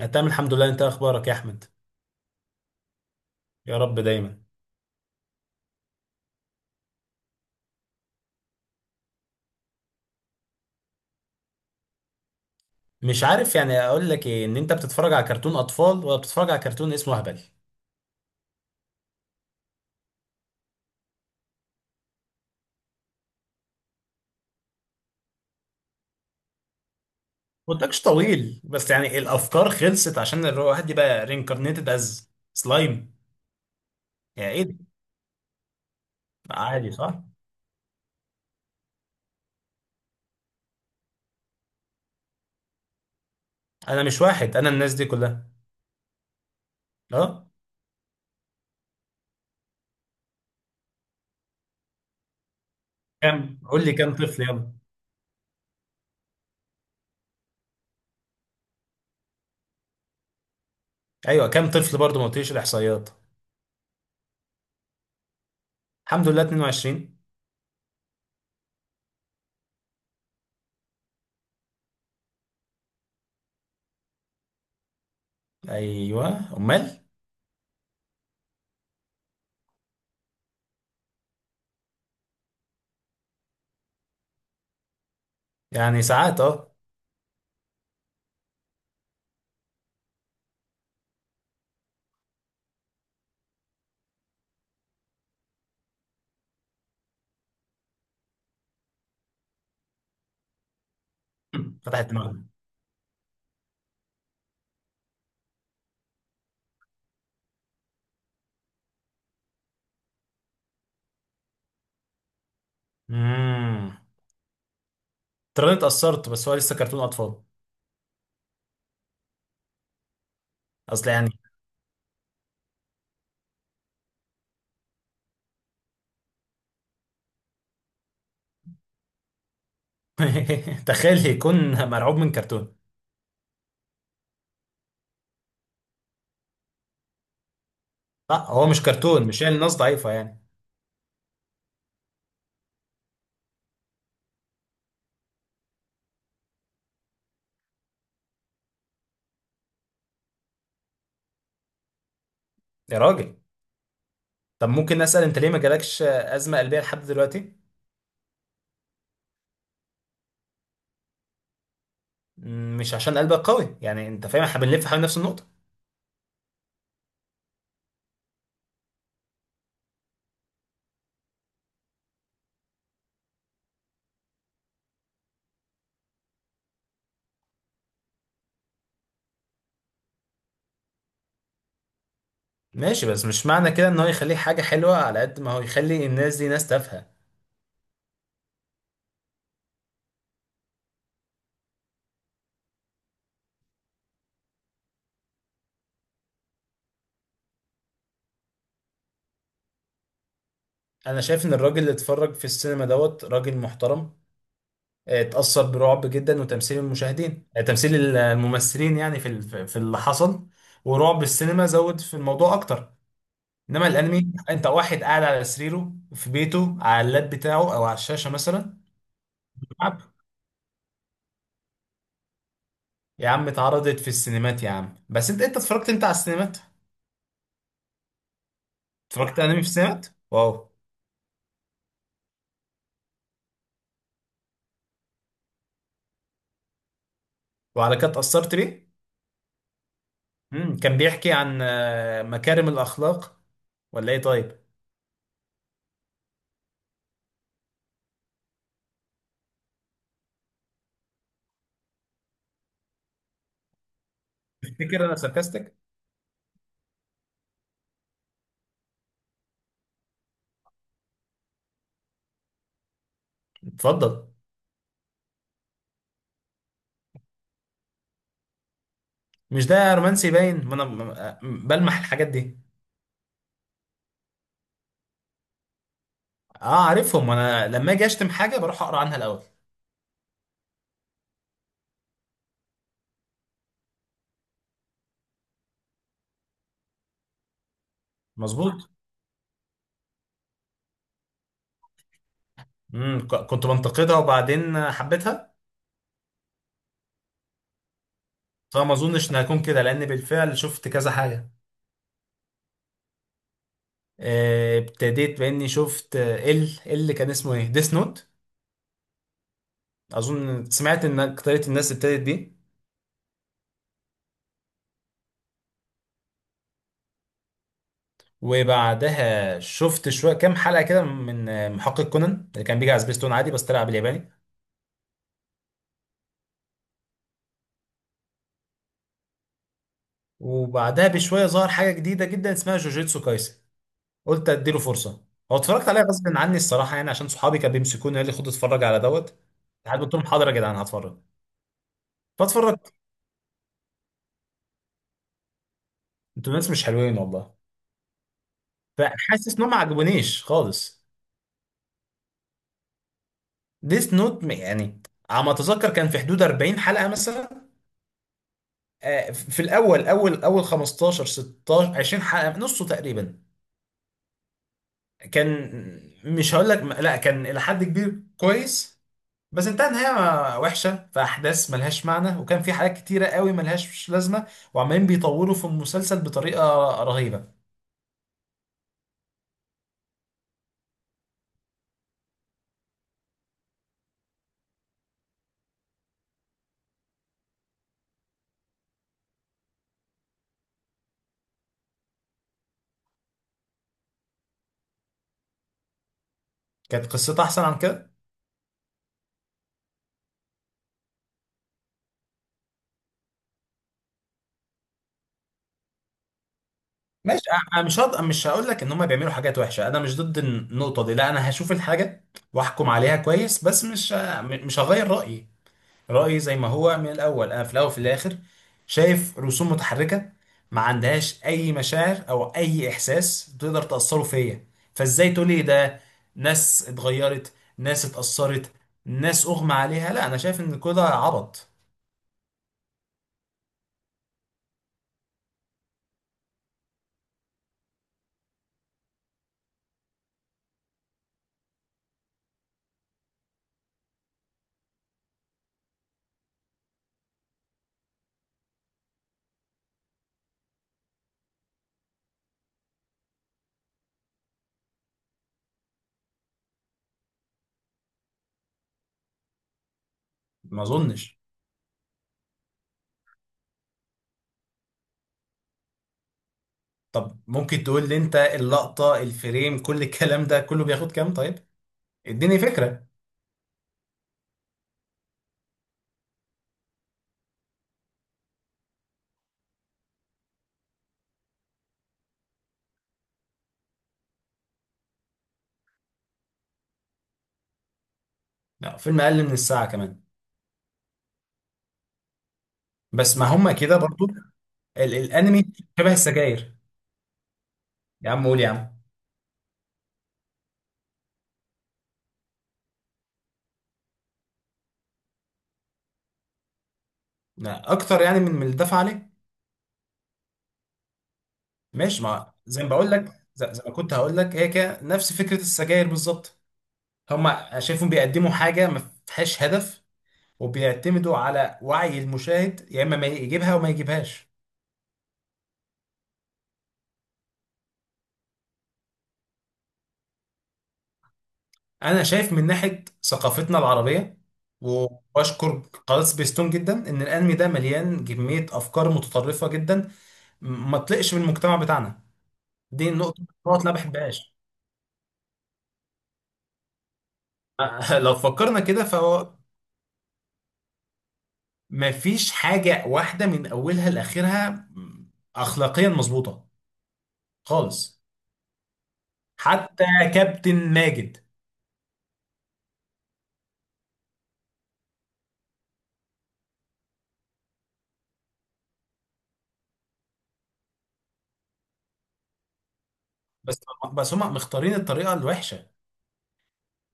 أنا تمام الحمد لله، انت اخبارك يا احمد؟ يا رب دايما. مش عارف يعني اقول لك ايه، ان انت بتتفرج على كرتون اطفال ولا بتتفرج على كرتون اسمه هبل. ما قلتلكش طويل، بس يعني الافكار خلصت عشان الواحد يبقى رينكارنيتد از سلايم. يعني ايه ده؟ عادي، صح؟ انا مش واحد، انا الناس دي كلها. اه. كم؟ قول لي كم طفل، يلا. ايوه، كم طفل برضه، ما قلتليش الاحصائيات. الحمد لله 22. ايوه امال. يعني ساعات، اه. فتحت دماغنا. امم ترى اتأثرت، بس هو لسه كرتون اطفال. اصل يعني. تخيل يكون مرعوب من كرتون. لا، هو مش كرتون، مش يعني الناس ضعيفة يعني. يا راجل. طب ممكن اسأل، انت ليه ما جالكش ازمة قلبية لحد دلوقتي؟ مش عشان قلبك قوي يعني، انت فاهم، احنا بنلف حوالين نفس النقطة. ماشي، بس مش معنى كده ان هو يخليه حاجة حلوة على قد ما هو يخلي الناس دي ناس تافهة. انا شايف ان الراجل اللي اتفرج في السينما دوت راجل محترم. اتأثر برعب جدا وتمثيل المشاهدين، تمثيل الممثلين يعني في اللي حصل. ورعب السينما زود في الموضوع اكتر. انما الانمي، انت واحد قاعد على سريره في بيته على اللاب بتاعه او على الشاشه مثلا بيلعب. يا عم اتعرضت في السينمات يا عم، بس انت اتفرجت انت على السينمات. اتفرجت انمي في السينمات؟ واو. وعلى كده اتأثرت ليه؟ كان بيحكي عن مكارم الاخلاق ولا ايه؟ طيب. تفتكر انا ساركاستك؟ اتفضل. مش ده رومانسي باين، ما انا بلمح الحاجات دي. اه عارفهم، انا لما اجي اشتم حاجه بروح اقرا عنها الاول. مظبوط. كنت بنتقدها وبعدين حبيتها. فما اظنش ان هكون كده، لان بالفعل شفت كذا حاجه. ابتديت باني شفت، اللي كان اسمه ايه، ديس نوت. اظن سمعت ان اكتريت الناس ابتدت بيه. وبعدها شفت شويه كام حلقه كده من محقق كونان اللي كان بيجي على سبيستون عادي، بس طلع بالياباني. وبعدها بشويه ظهر حاجه جديده جدا اسمها جوجيتسو كايسن. قلت اديله فرصه. هو اتفرجت عليها غصب عني الصراحه، يعني عشان صحابي كانوا بيمسكوني، قال لي خد اتفرج على دوت. قعدت قلت لهم حاضر يا جدعان هتفرج. فاتفرجت. انتوا ناس مش حلوين والله. فحاسس انه ما عجبونيش خالص. ديس نوت يعني. على ما اتذكر كان في حدود 40 حلقه مثلا. في الاول اول اول 15 16 20 حلقه، نصه تقريبا كان، مش هقول لك لا، كان الى حد كبير كويس. بس انتهى نهايه وحشه، في احداث ملهاش معنى، وكان في حاجات كتيره قوي ملهاش لازمه. وعمالين بيطوروا في المسلسل بطريقه رهيبه. كانت قصته احسن عن كده. ماشي. انا مش هقول لك ان هم بيعملوا حاجات وحشه، انا مش ضد النقطه دي، لا انا هشوف الحاجه واحكم عليها كويس، بس مش ه- م- مش هغير رايي. رايي زي ما هو من الاول، انا في الاول وفي الاخر شايف رسوم متحركه ما عندهاش اي مشاعر او اي احساس تقدر تاثره فيا. فازاي تقول لي ده؟ ناس اتغيرت، ناس اتاثرت، ناس اغمى عليها؟ لا، انا شايف ان كل ده عبط. ما اظنش. طب ممكن تقول لي انت اللقطه الفريم كل الكلام ده كله بياخد كام طيب؟ اديني فكرة. لا فيلم اقل من الساعة كمان؟ بس ما هم كده برضو. الانمي شبه السجاير. يا عم قول يا عم. لا اكتر، يعني من اللي دفع عليه. ماشي، ما زي ما بقول لك، زي ما كنت هقول لك، هي كده نفس فكرة السجاير بالظبط. هم شايفهم بيقدموا حاجة ما فيهاش هدف، وبيعتمدوا على وعي المشاهد، يا اما ما يجيبها وما يجيبهاش. انا شايف من ناحية ثقافتنا العربية، وبشكر قناة سبيستون جدا، ان الانمي ده مليان كمية افكار متطرفة جدا ما تطلقش من المجتمع بتاعنا. دي النقطة، النقط اللي أنا ما بحبهاش. لو فكرنا كده فهو ما فيش حاجة واحدة من أولها لآخرها أخلاقيا مظبوطة خالص. حتى كابتن ماجد. بس بس هم مختارين الطريقة الوحشة،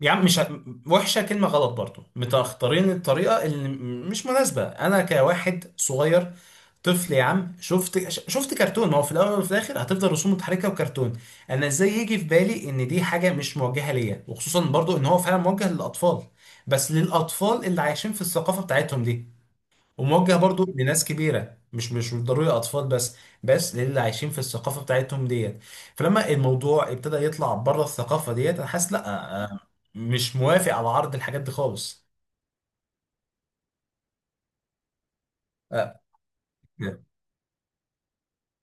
يعني مش وحشة كلمة غلط، برضو مختارين الطريقة اللي مش مناسبة. أنا كواحد صغير طفل يا عم شفت شفت كرتون، ما هو في الاول وفي الاخر هتفضل رسوم متحركه وكرتون. انا ازاي يجي في بالي ان دي حاجه مش موجهه ليا، وخصوصا برضو ان هو فعلا موجه للاطفال، بس للاطفال اللي عايشين في الثقافه بتاعتهم دي، وموجه برضو لناس كبيره، مش ضروري اطفال بس، بس للي عايشين في الثقافه بتاعتهم ديت. فلما الموضوع ابتدى يطلع بره الثقافه ديت انا حاسس، لا مش موافق على عرض الحاجات دي خالص. آه، آه.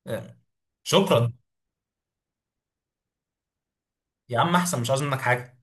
آه. شكرا. يا عم احسن، مش عاوز منك حاجه.